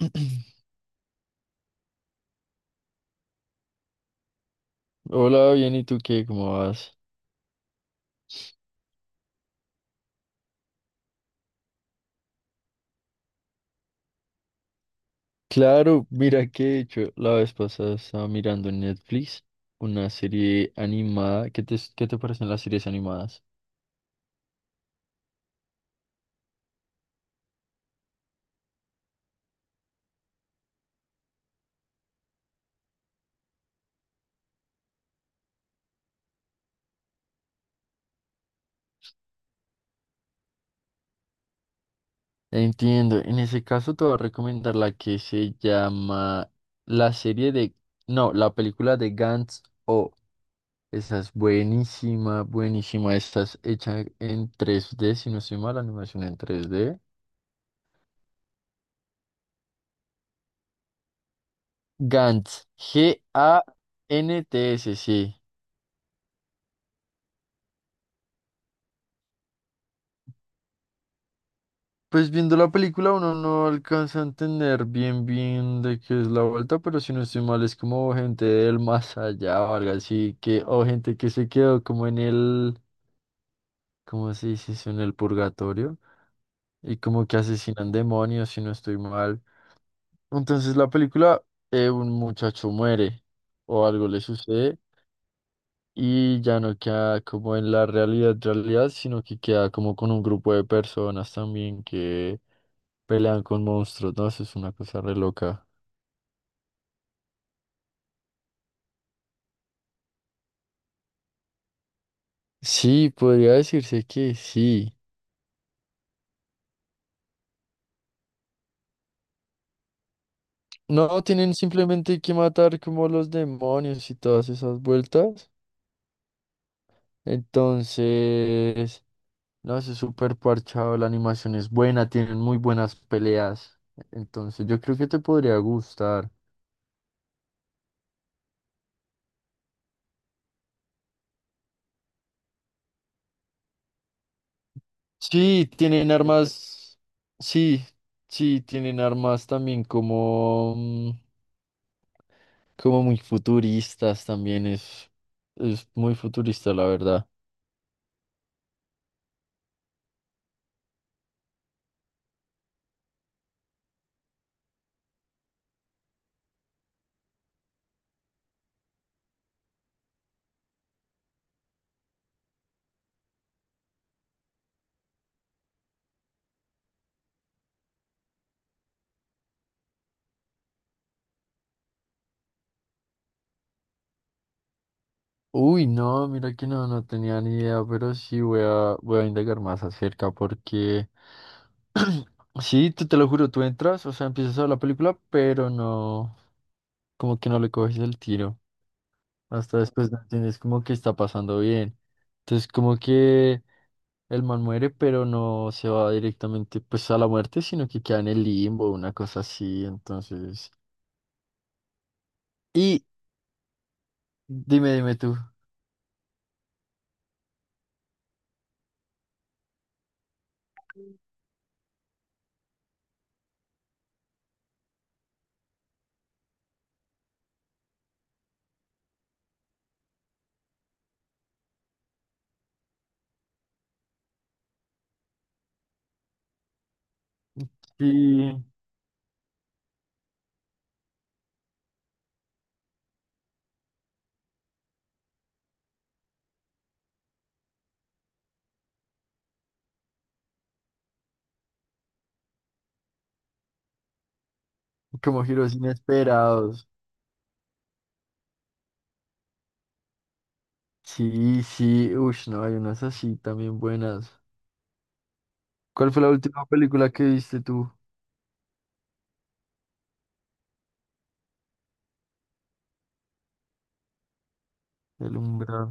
Hola, bien, ¿y tú qué? ¿Cómo vas? Claro, mira que de hecho la vez pasada estaba mirando en Netflix una serie animada. ¿Qué te parecen las series animadas? Entiendo, en ese caso te voy a recomendar la que se llama la serie de... No, la película de Gantz O. Esa es buenísima, buenísima. Esta es hecha en 3D si no estoy mal, la animación en 3D. Gantz, Gants, sí. Pues viendo la película uno no alcanza a entender bien bien de qué es la vuelta, pero si no estoy mal es como gente del más allá o algo así que, o gente que se quedó como en el, ¿cómo se dice eso? En el purgatorio, y como que asesinan demonios si no estoy mal. Entonces la película, un muchacho muere o algo le sucede, y ya no queda como en la realidad realidad, sino que queda como con un grupo de personas también que pelean con monstruos. No, eso es una cosa re loca. Sí, podría decirse que sí. No, tienen simplemente que matar como los demonios y todas esas vueltas. Entonces no, eso es súper parchado, la animación es buena, tienen muy buenas peleas. Entonces, yo creo que te podría gustar. Sí, tienen armas, sí, sí, tienen armas también como... como muy futuristas también, es muy futurista, la verdad. Uy, no, mira que no, no tenía ni idea, pero sí voy a indagar más acerca, porque sí, tú, te lo juro, tú entras, o sea, empiezas a ver la película, pero no, como que no le coges el tiro. Hasta después no entiendes como que está pasando bien. Entonces, como que el man muere, pero no se va directamente pues a la muerte, sino que queda en el limbo, una cosa así, entonces. Dime, dime tú. Sí, como giros inesperados. Sí, sí, uff, no, hay unas así también buenas. ¿Cuál fue la última película que viste tú? El umbral.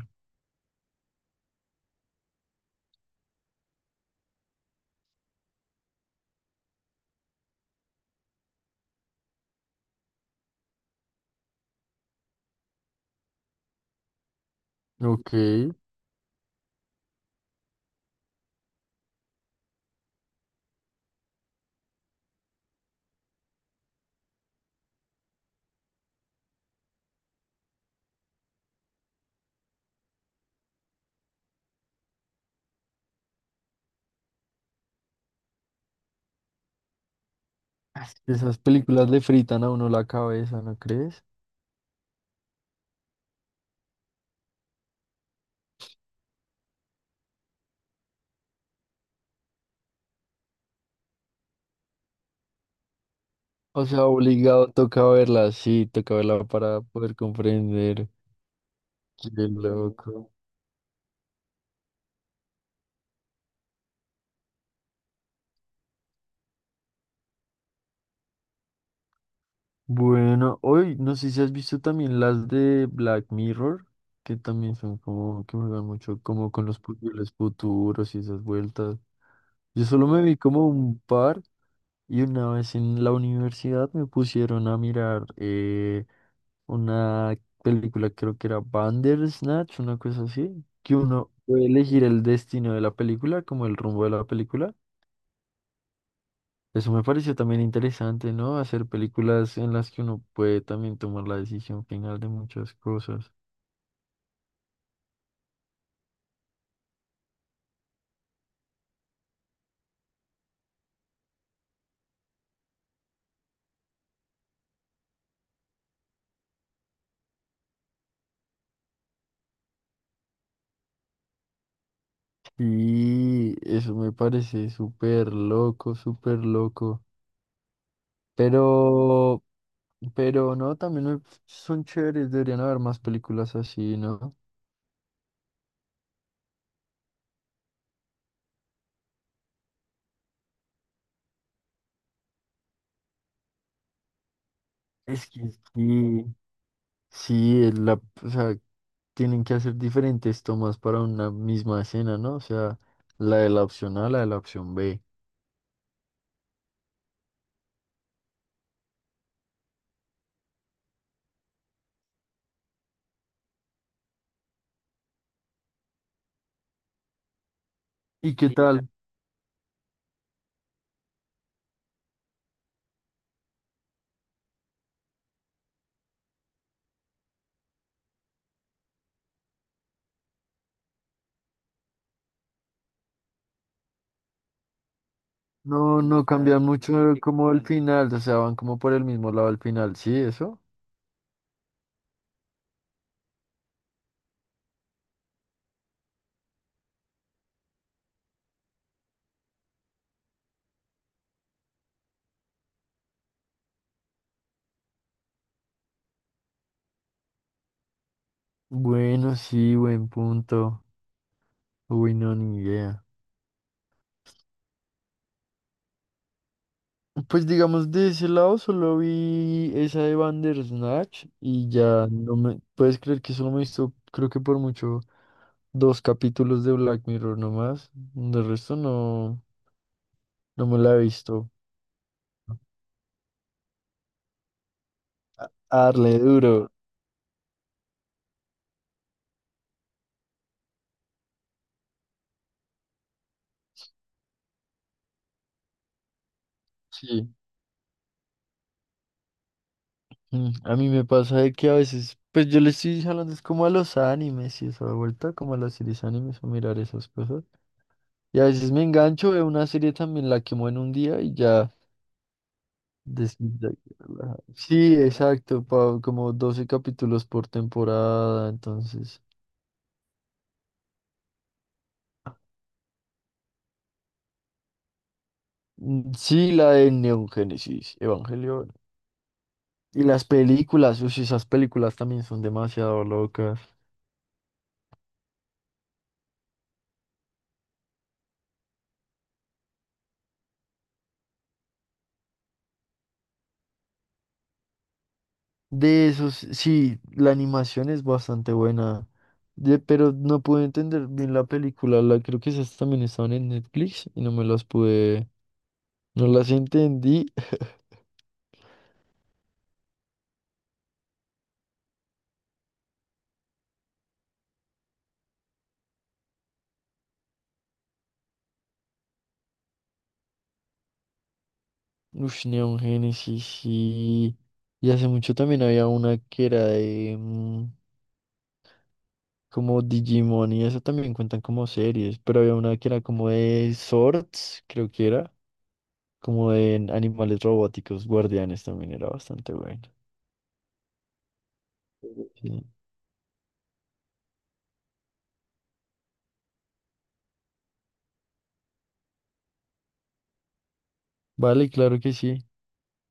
Ok. Es que esas películas le fritan a uno la cabeza, ¿no crees? O sea, obligado toca verlas, sí, toca verla para poder comprender. Qué loco. Bueno, hoy no sé si has visto también las de Black Mirror, que también son como que juegan mucho como con los posibles futuros y esas vueltas. Yo solo me vi como un par, y una vez en la universidad me pusieron a mirar una película, creo que era Bandersnatch, una cosa así, que uno puede elegir el destino de la película, como el rumbo de la película. Eso me pareció también interesante, ¿no? Hacer películas en las que uno puede también tomar la decisión final de muchas cosas. Sí, eso me parece súper loco, súper loco. Pero, pero no, también son chéveres, deberían haber más películas así, ¿no? Es que sí, sí, o sea, tienen que hacer diferentes tomas para una misma escena, ¿no? O sea, la de la opción A, la de la opción B. ¿Y qué tal? No, no cambian mucho como al final, o sea, van como por el mismo lado al final, ¿sí? ¿Eso? Bueno, sí, buen punto. Uy, no, ni idea. Pues digamos, de ese lado solo vi esa de Bandersnatch y ya no me... Puedes creer que solo me he visto, creo que por mucho, dos capítulos de Black Mirror nomás. De resto no, no me la he visto. A darle duro. Sí. A mí me pasa de que a veces, pues yo le estoy hablando es como a los animes y esa vuelta, como a las series animes o mirar esas cosas. Y a veces me engancho, veo una serie también, la quemo en un día y ya. des- ya- Sí, exacto, como 12 capítulos por temporada, entonces. Sí, la de Neon Genesis Evangelion. Y las películas, uy, esas películas también son demasiado locas. De esos, sí, la animación es bastante buena, de, pero no pude entender bien la película, la creo que esas también estaban en Netflix y no me las pude, no las entendí. Ush, Neon Genesis, sí, y hace mucho también había una que era de como Digimon, y eso también cuentan como series, pero había una que era como de Swords, creo que era, como de animales robóticos, guardianes, también era bastante bueno. Sí. Vale, claro que sí.